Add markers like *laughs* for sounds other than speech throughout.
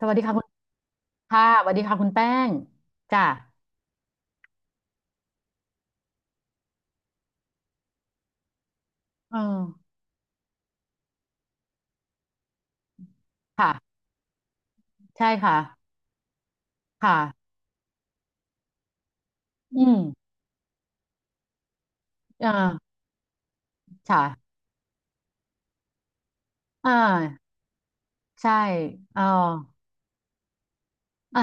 สวัสดีค่ะคุณค่ะสวัสดีค่ะคุณแป้งจ้ะเออค่ะใช่ค่ะค่ะอืมเออค่ะอ่าใช่เอออ่า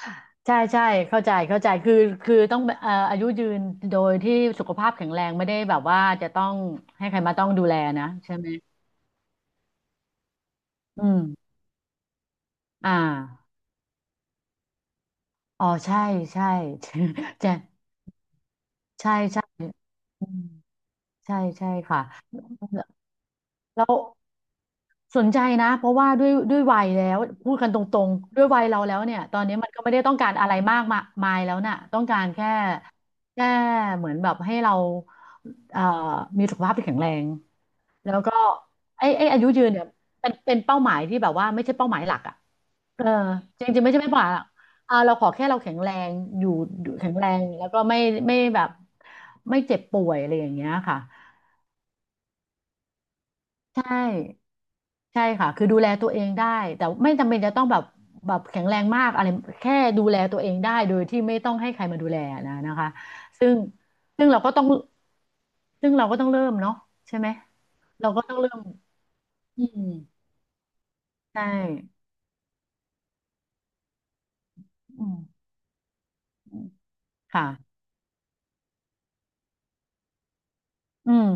*laughs* ใช่ใช่เข้าใจเข้าใจคือคือต้องอายุยืนโดยที่สุขภาพแข็งแรงไม่ได้แบบว่าจะต้องให้ใครมาต้องดูแลนะใช่ไหมอืมอ่าอ๋อใช่ใช่ *laughs* ใช่ใช่ใช่อืมใช่ใช่ค่ะแล้ว สนใจนะเพราะว่าด้วยวัยแล้วพูดกันตรงๆด้วยวัยเราแล้วเนี่ยตอนนี้มันก็ไม่ได้ต้องการอะไรมากมามายแล้วน่ะต้องการแค่แค่เหมือนแบบให้เราเอ่อมีสุขภาพที่แข็งแรงแล้วก็ไอ้อายุยืนเนี่ยเป็นเป้าหมายที่แบบว่าไม่ใช่เป้าหมายหลักอ่ะเออจริงๆไม่ใช่ไมายหรอกอ่าเราขอแค่เราแข็งแรงอยู่อยู่แข็งแรงแล้วก็ไม่ไม่แบบไม่เจ็บป่วยอะไรอย่างเงี้ยค่ะใช่ ใช่ค่ะ คือดูแลตัวเองได้ แต่ไม่จำเป็นจะต้องแบบแบบแข็งแรงมากอะไรแค่ดูแลตัวเองได้โดยที่ไม่ต้องให้ใครมาดูแลนะนะคะซึ่งซึ่งเราก็ต้องซึ่งเราก็ต้องเริ่มเนาะใช่ไหมเราก็ต้องเริ่มอืมใช่อืมค่ะอืม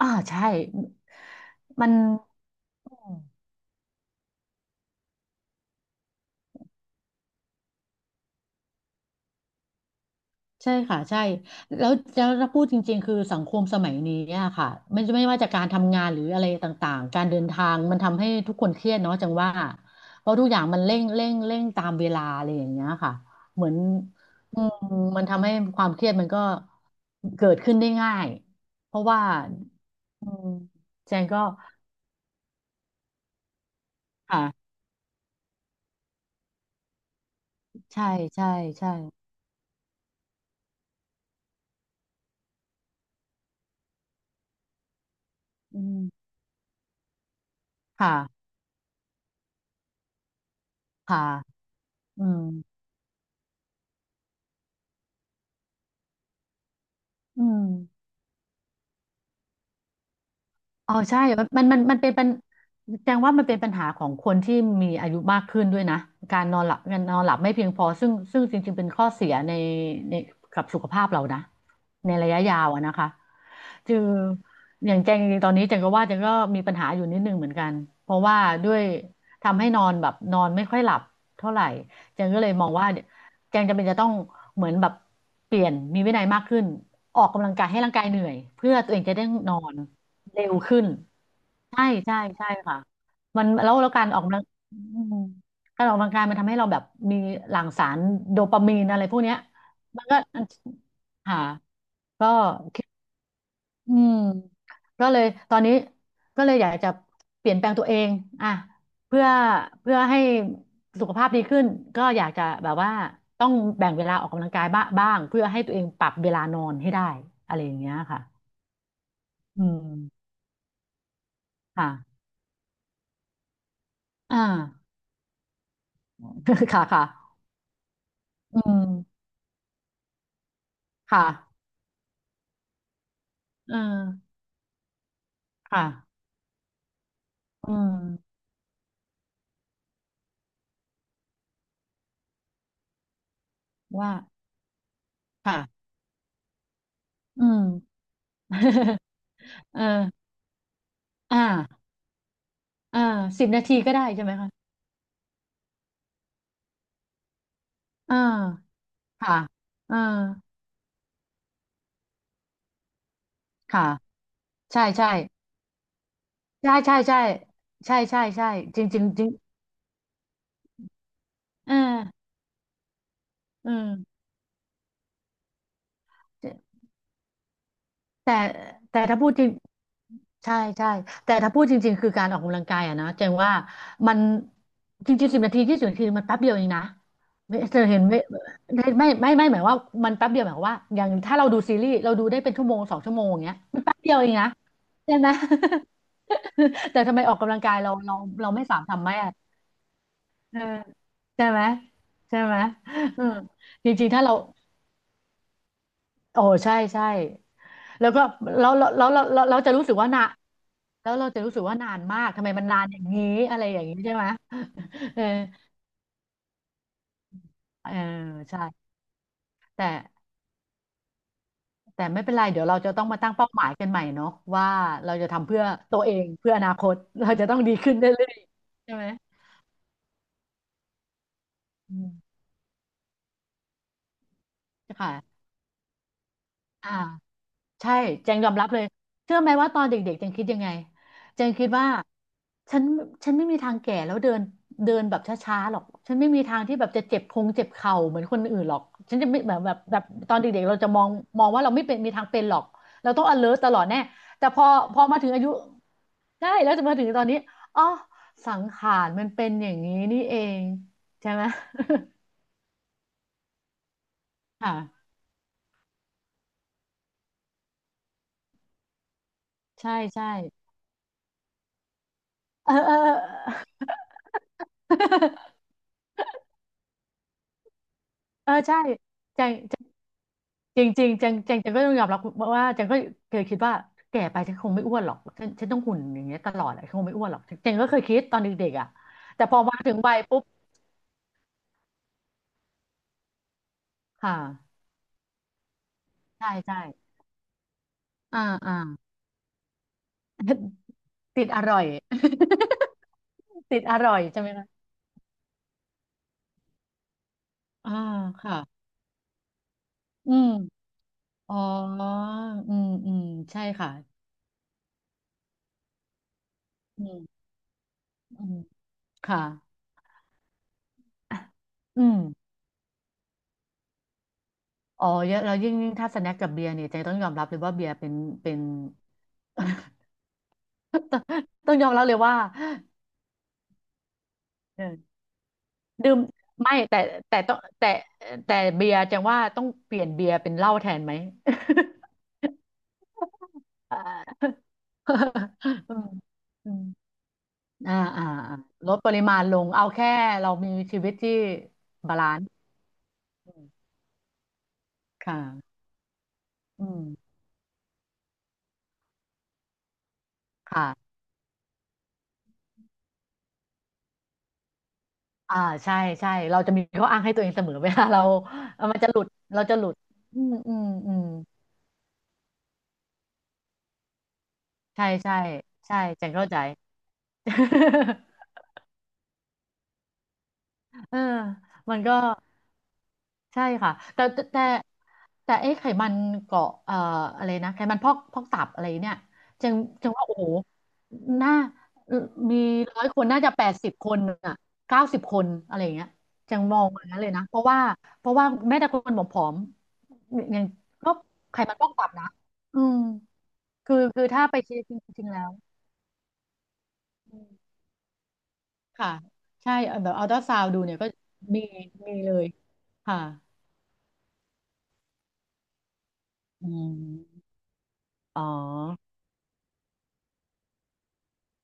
อ่าใช่ มัน ใช่ค่ะใช่แล้วถ้าพูดจริงๆคือสังคมสมัยนี้อะค่ะไม่ว่าจะการทำงานหรืออะไรต่างๆการเดินทางมันทำให้ทุกคนเครียดเนาะจังว่าเพราะทุกอย่างมันเร่งตามเวลาอะไรอย่างเงี้ยค่ะเหมือนอืมมันทำให้ความเครียดมันก็เกิดขึ้นได้ง่ายเพราะว่าอืมแจงก็ค่ะใช่ใช่ใช่อืมค่ะค่ะอืมอืม อ๋อใช่มันเป็นปัญแจ้งว่ามันเป็นปัญหาของคนที่มีอายุมากขึ้นด้วยนะ การนอนหลับการนอนหลับไม่เพียงพอซึ่งจริงๆ เป็นข้อเสียในในกับสุขภาพเรานะในระยะยาวอะนะคะคืออย่างแจงจริงๆตอนนี้แจงก็ว่าแจงก็มีปัญหาอยู่นิดนึงเหมือนกัน เพราะว่าด้วยทำให้นอนแบบนอนไม่ค่อยหลับเท่าไหร่แจงก็เลยมองว่า แจงจำเป็นจะต้องเหมือนแบบเปลี่ยนมีวินัยมากขึ้นออกกำลังกายให้ร่างกายเหนื่อยเพื่อตัวเองจะได้นอนเร็วขึ้นใช่ใช่ใช่ค่ะมันแล้วแล้วการออกกำลังอืมการออกกำลังกายมันทำให้เราแบบมีหลั่งสารโดปามีนอะไรพวกเนี้ยมันก็ค่ะก็ อืมก็เลยตอนนี้ก็เลยอยากจะเปลี่ยนแปลงตัวเองอ่ะเพื่อเพื่อให้สุขภาพดีขึ้นก็อยากจะแบบว่าต้องแบ่งเวลาออกกำลังกายบ้าบ้างเพื่อให้ตัวเองปรับเวลานอนให้ได้อะไรอย่างเงี้ยค่ะอืมค่ะอ่า *laughs* ค่ะค่ะอืมค่ะเออค่ะอืมว่าค่ะอืม *laughs* เอออ่าอ่าสิบนาทีก็ได้ใช่ไหมคะอ่าค่ะอ่าค่ะ ใช่ใช่ใช่ใช่ใช่ใช่ใช่ใช่จริงจริงจริงเอออืมแต่แต่ถ้าพูดจริงใช่ใช่แต่ถ้าพูดจริงๆคือการออกกำลังกายอะนะเจงว่ามันจริงๆ10 นาที 20 นาทีมันแป๊บเดียวเองนะไม่เธอเห็นไหมไม่หมายว่ามันแป๊บเดียวหมายความว่าอย่างถ้าเราดูซีรีส์เราดูได้เป็นชั่วโมง2 ชั่วโมงอย่างเงี้ยมันแป๊บเดียวเองนะใช่ไหม *laughs* แต่ทำไมออกกำลังกายเราเราไม่สามารถทำไม่ เออใช่ไหมใช่ไหมอืมจริงๆถ้าเราโอ้ใช่ใช่แล้วก็เราเราเราเราเราเราจะรู้สึกว่านาแล้วเราจะรู้สึกว่านานมากทำไมมันนานอย่างนี้อะไรอย่างนี้ใช่ไหมเออเออใช่แต่แต่ไม่เป็นไรเดี๋ยวเราจะต้องมาตั้งเป้าหมายกันใหม่เนาะว่าเราจะทำเพื่อตัวเองเพื่ออนาคตเราจะต้องดีขึ้นเรื่อยๆใช่ไหมอืมค่ะอ่า ใช่เจงยอมรับเลยเชื่อไหมว่าตอนเด็กๆเจงคิดยังไงเจงคิดว่าฉันฉันไม่มีทางแก่แล้วเดินเดินแบบช้าๆหรอกฉันไม่มีทางที่แบบจะเจ็บคงเจ็บเข่าเหมือนคนอื่นหรอกฉันจะไม่แบบตอนเด็กๆเราจะมองมองว่าเราไม่เป็นมีทางเป็นหรอกเราต้อง alert ตลอดแน่แต่พอมาถึงอายุใช่แล้วจะมาถึงตอนนี้อ๋อสังขารมันเป็นอย่างนี้นี่เองใช่ไหม *laughs* ค่ะใช่ใช่เออ *laughs* เออใช่ใจ จริงๆงจังจังจังก็ต้องยอมรับว่าจังก็เคยคิดว่าแก่ไปฉันคงไม่อ้วนหรอกฉันต้องหุ่นอย่างเงี้ยตลอดอะฉันคงไม่อ้วนหรอกจังก็เคยคิดตอนเด็กๆอ่ะแต่พอมาถึงวัยปุ๊บค่ะใช่ใช่อ่าอ่า *laughs* ติดอร่อย *laughs* ติดอร่อยใช่ไหมคะอ่าค่ะอืมอ๋ออืมอืมใช่ค่ะอืมอืมค่ะอืมอ๋อเยอะแล้วยิ่งยิ่งถ้าสแน็คกับเบียร์เนี่ยเจต้องยอมรับเลยว่าเบียร์เป็น *laughs* ต้องยอมรับเลยว่า เออดื่มไม่แต่แต่ต้องแต่แต่เบียร์จังว่าต้องเปลี่ยนเบียร์เป็นเหล้าแทนไหม *laughs* อ่า *laughs* อืมอืมอ่าอ่าอ่าลดปริมาณลงเอาแค่เรามีชีวิตที่บาลานซ์อืมค่ะอืมค่ะอ่าใช่ใช่เราจะมีข้ออ้างให้ตัวเองเสมอ *laughs* เวลาเราเออมันจะหลุดเราจะหลุดอืมอืมอืมใช่ใช่ใช่จังเข้าใจ *laughs* เออมันก็ ใช่ค่ะแต่ไอ้ไขมันเกาะอะไรนะไขมันพอกตับอะไรเนี่ยจังจังว่าโอ้โหน่ามีร้อยคนน่าจะแปดสิบคนอ่ะเก้าสิบคนอะไรอย่างเงี้ยจังมองมาเลยนะเพราะว่าแม้แต่คนผอมๆยังก็ไขมันพอกตับนะอืมคือถ้าไปเช็คจริงๆแล้วอืมค่ะใช่แบบอัลตราซาวดูเนี่ยก็มีมีเลยค่ะอืมอ๋อ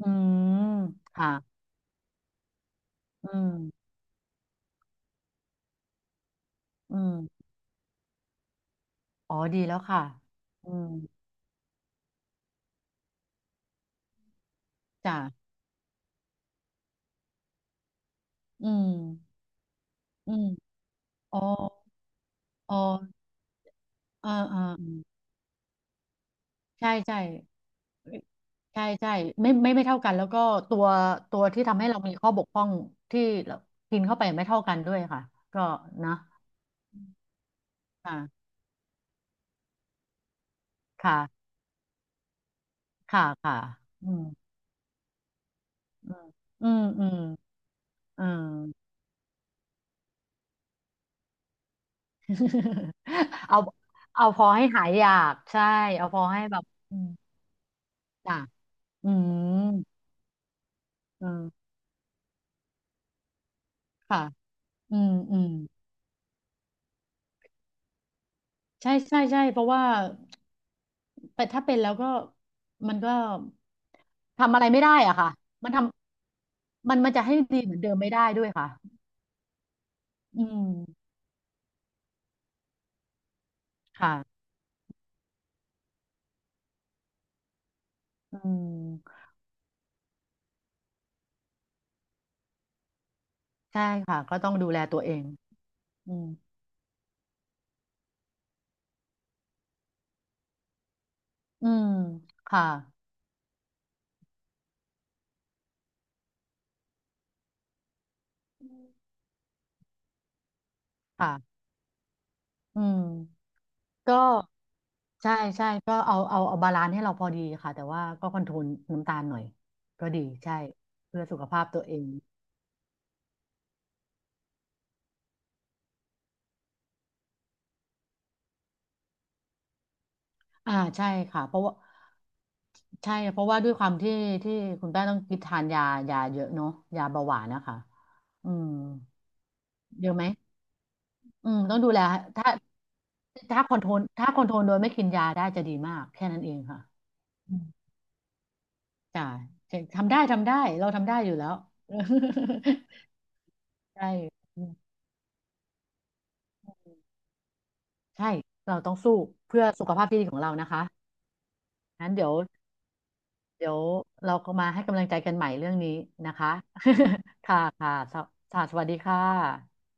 อืมค่ะอืมอืมอ๋อดีแล้วค่ะอืมจ้ะอืมอืมอ๋ออ๋อเออเออเออใช่ใช่ใช่ใช่ไม่ไม่ไม่เท่ากันแล้วก็ตัวตัวที่ทำให้เรามีข้อบกพร่องที่เรากินเข้าไปไม่เท่ากันด้วยค่ะก็นะค่ะค่ะค่ะค่ะอืมอืมอืมอืมเออ *laughs* เอาเอาพอให้หายอยากใช่เอาพอให้แบบอืมจ้ะ อืมอ่าค่ะอืมอืมใช่ใช่ใช่เพราะว่าแต่ถ้าเป็นแล้วก็มันก็ทำอะไรไม่ได้อ่ะค่ะมันจะให้ดีเหมือนเดิมไม่ได้ด้วยค่ะอืมค่ะอืมใช่ค่ะก็ต้องดูแลตัวเองอืมอืมค่ะค่ะอืมก็ใช่ใช่ก็เอาบาลานซ์ให้เราพอดีค่ะแต่ว่าก็คอนโทรลน้ำตาลหน่อยก็ดีใช่เพื่อสุขภาพตัวเอง อ่าใช่ค่ะเพราะว่าใช่เพราะว่าด้วยความที่ที่คุณแป้งต้องกินทานยายาเยอะเนาะยาเบาหวานนะคะอืมเยอะไหมอืมต้องดูแลถ้าถ้าคอนโทรลถ้าคอนโทรลโดยไม่กินยาได้จะดีมากแค่นั้นเองค่ะอืมจ้ะทำได้ทำได้เราทำได้อยู่แล้ว *laughs* ใช่ใช่เราต้องสู้เพื่อสุขภาพที่ดีของเรานะคะงั้นเดี๋ยว เดี๋ยวเราก็มาให้กำลังใจกันใหม่เรื่องนี้นะคะ *laughs* ค่ะค่ะสวค่ะสวัสดีค่ะ